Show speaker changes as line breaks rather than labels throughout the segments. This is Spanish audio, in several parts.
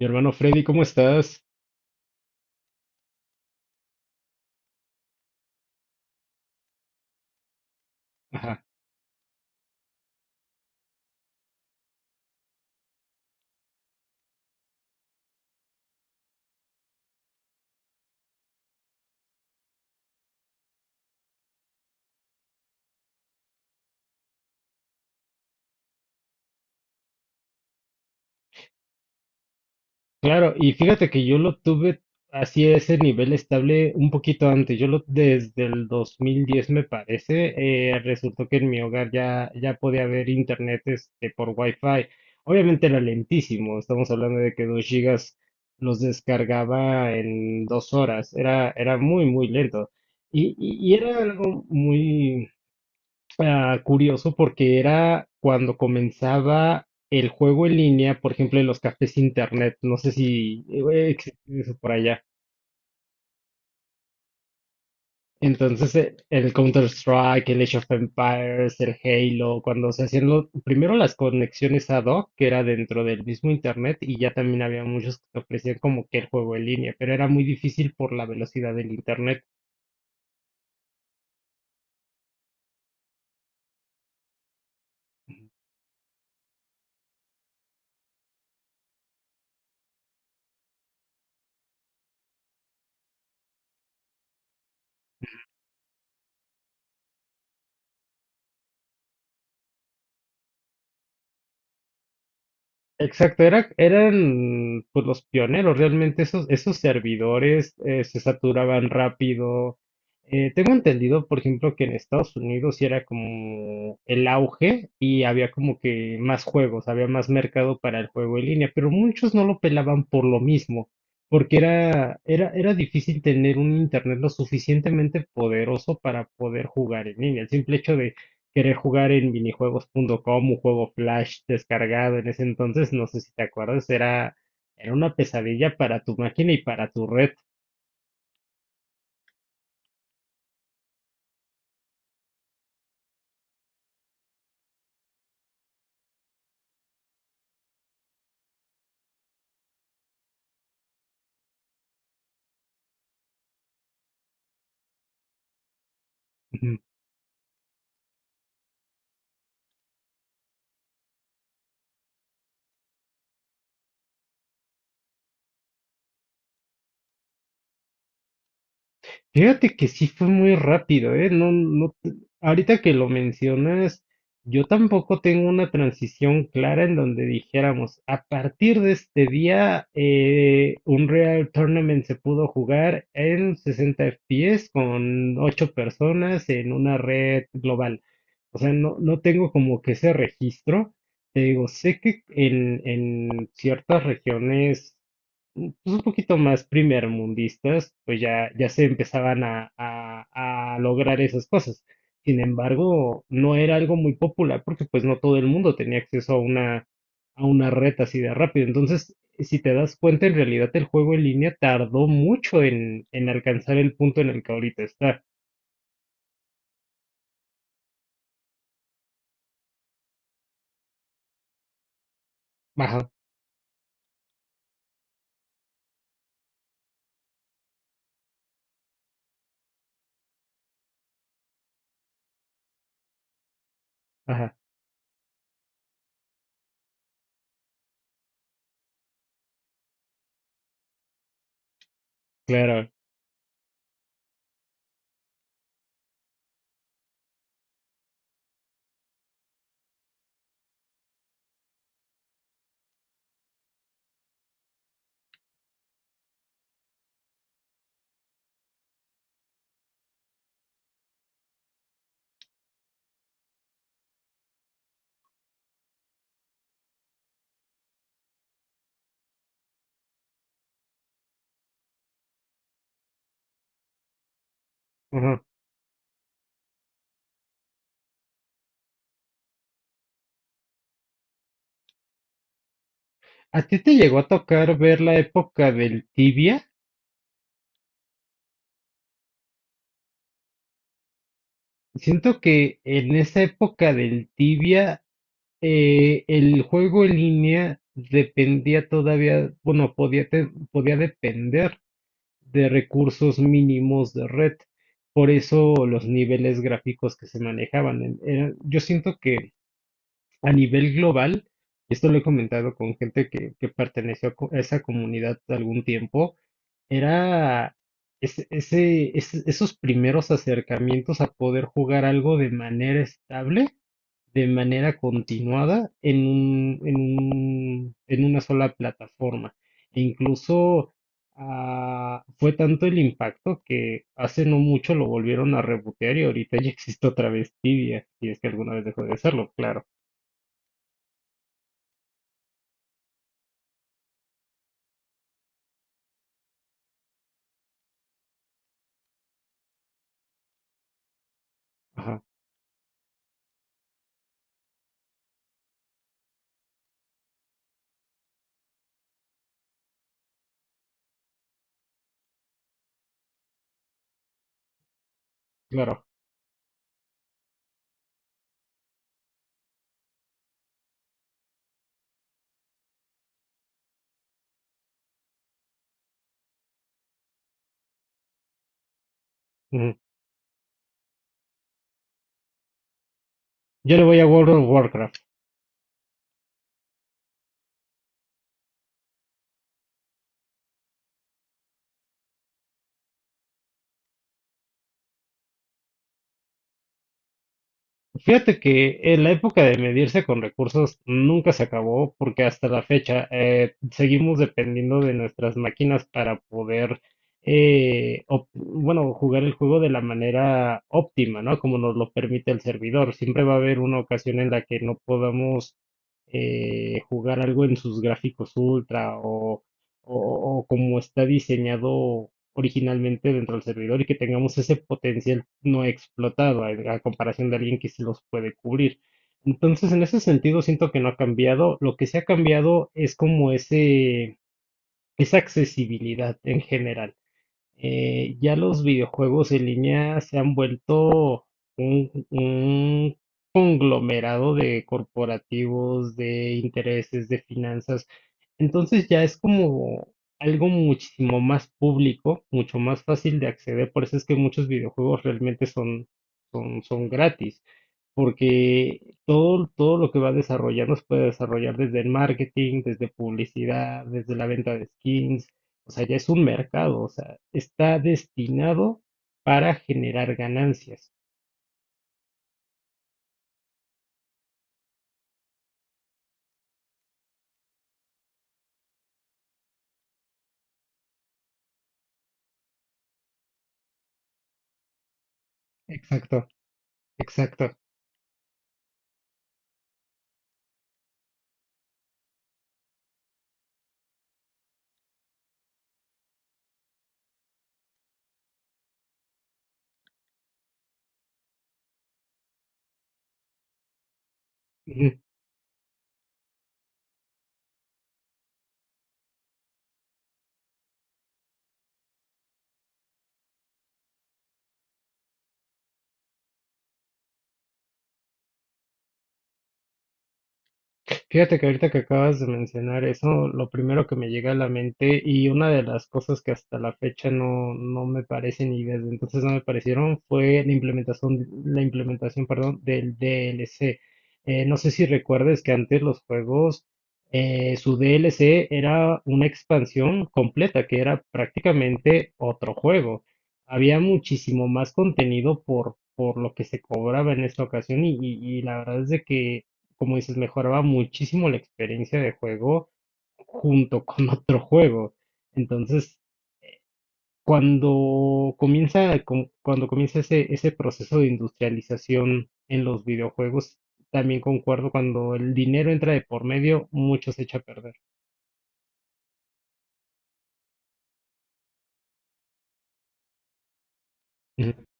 Mi hermano Freddy, ¿cómo estás? Ajá. Claro, y fíjate que yo lo tuve así a ese nivel estable un poquito antes. Yo lo desde el 2010 me parece. Resultó que en mi hogar ya podía haber internet este, por Wi-Fi. Obviamente era lentísimo. Estamos hablando de que 2 gigas los descargaba en 2 horas. Era muy, muy lento. Y era algo muy, ah, curioso, porque era cuando comenzaba el juego en línea, por ejemplo, en los cafés internet, no sé si existe eso por allá. Entonces, el Counter-Strike, el Age of Empires, el Halo, cuando se hacían primero las conexiones ad hoc, que era dentro del mismo internet, y ya también había muchos que te ofrecían como que el juego en línea, pero era muy difícil por la velocidad del internet. Exacto, eran pues los pioneros, realmente esos, esos servidores se saturaban rápido. Tengo entendido, por ejemplo, que en Estados Unidos sí era como el auge y había como que más juegos, había más mercado para el juego en línea, pero muchos no lo pelaban por lo mismo, porque era difícil tener un internet lo suficientemente poderoso para poder jugar en línea. El simple hecho de querer jugar en minijuegos.com, un juego Flash descargado en ese entonces, no sé si te acuerdas, era una pesadilla para tu máquina y para tu red. Ujú. Fíjate que sí fue muy rápido, ¿eh? No, no, te- Ahorita que lo mencionas, yo tampoco tengo una transición clara en donde dijéramos, a partir de este día, Unreal Tournament se pudo jugar en 60 FPS con 8 personas en una red global. O sea, no, no tengo como que ese registro. Te digo, sé que en ciertas regiones, pues un poquito más primermundistas, pues ya, ya se empezaban a lograr esas cosas. Sin embargo, no era algo muy popular porque pues no todo el mundo tenía acceso a una red así de rápido. Entonces, si te das cuenta, en realidad el juego en línea tardó mucho en alcanzar el punto en el que ahorita está. Ajá, ajá, claro. Ajá. ¿A ti te llegó a tocar ver la época del Tibia? Siento que en esa época del Tibia, el juego en línea dependía todavía, bueno, podía, podía depender de recursos mínimos de red. Por eso los niveles gráficos que se manejaban, yo siento que a nivel global, esto lo he comentado con gente que perteneció a a esa comunidad algún tiempo. Era esos primeros acercamientos a poder jugar algo de manera estable, de manera continuada, en en una sola plataforma. E incluso, ah, fue tanto el impacto que hace no mucho lo volvieron a rebotear y ahorita ya existe otra vez Tibia, si es que alguna vez dejó de serlo, claro. Ajá, claro. Ujú. Yo le voy a World of Warcraft. Fíjate que en la época de medirse con recursos nunca se acabó porque hasta la fecha seguimos dependiendo de nuestras máquinas para poder bueno, jugar el juego de la manera óptima, ¿no? Como nos lo permite el servidor. Siempre va a haber una ocasión en la que no podamos jugar algo en sus gráficos ultra o, o como está diseñado originalmente dentro del servidor y que tengamos ese potencial no explotado a comparación de alguien que sí los puede cubrir. Entonces, en ese sentido, siento que no ha cambiado. Lo que sí ha cambiado es como ese, esa accesibilidad en general. Ya los videojuegos en línea se han vuelto un conglomerado de corporativos, de intereses, de finanzas. Entonces ya es como algo muchísimo más público, mucho más fácil de acceder. Por eso es que muchos videojuegos realmente son, son gratis, porque todo, todo lo que va desarrollando se puede desarrollar desde el marketing, desde publicidad, desde la venta de skins. O sea, ya es un mercado, o sea, está destinado para generar ganancias. Exacto, exacto. Fíjate que ahorita que acabas de mencionar eso, lo primero que me llega a la mente y una de las cosas que hasta la fecha no, no me parecen y desde entonces no me parecieron fue la implementación, perdón, del DLC. No sé si recuerdes que antes los juegos, su DLC era una expansión completa, que era prácticamente otro juego. Había muchísimo más contenido por lo que se cobraba en esta ocasión y, y la verdad es de que como dices, mejoraba muchísimo la experiencia de juego junto con otro juego. Entonces, cuando comienza ese, ese proceso de industrialización en los videojuegos, también concuerdo, cuando el dinero entra de por medio, mucho se echa a perder.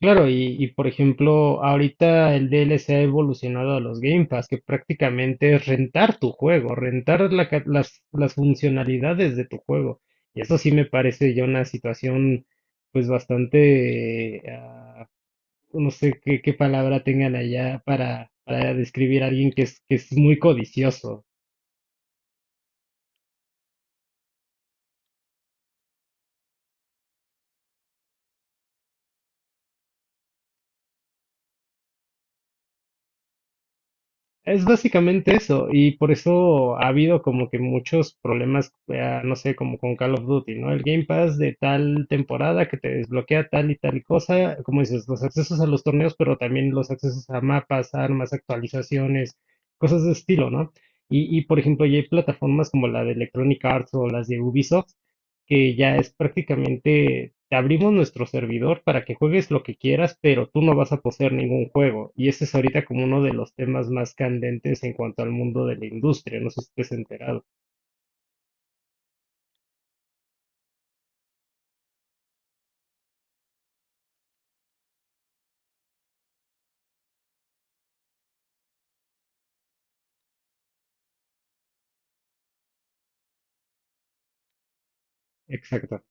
Claro, y, por ejemplo, ahorita el DLC ha evolucionado a los Game Pass, que prácticamente es rentar tu juego, rentar las funcionalidades de tu juego. Y eso sí me parece ya una situación pues bastante, ah, no sé qué, qué palabra tengan allá para describir a alguien que es muy codicioso. Es básicamente eso, y por eso ha habido como que muchos problemas, no sé, como con Call of Duty, ¿no? El Game Pass de tal temporada que te desbloquea tal y tal cosa, como dices, los accesos a los torneos, pero también los accesos a mapas, armas, actualizaciones, cosas de estilo, ¿no? Y por ejemplo, ya hay plataformas como la de Electronic Arts o las de Ubisoft, que ya es prácticamente, te abrimos nuestro servidor para que juegues lo que quieras, pero tú no vas a poseer ningún juego. Y ese es ahorita como uno de los temas más candentes en cuanto al mundo de la industria, no sé si estés enterado. Exacto,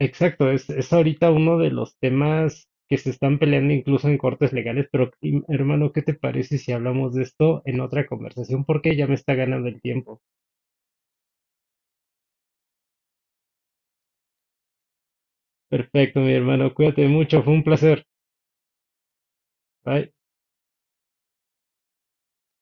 exacto, es ahorita uno de los temas que se están peleando incluso en cortes legales, pero hermano, ¿qué te parece si hablamos de esto en otra conversación? Porque ya me está ganando el tiempo. Perfecto, mi hermano, cuídate mucho, fue un placer. Bye.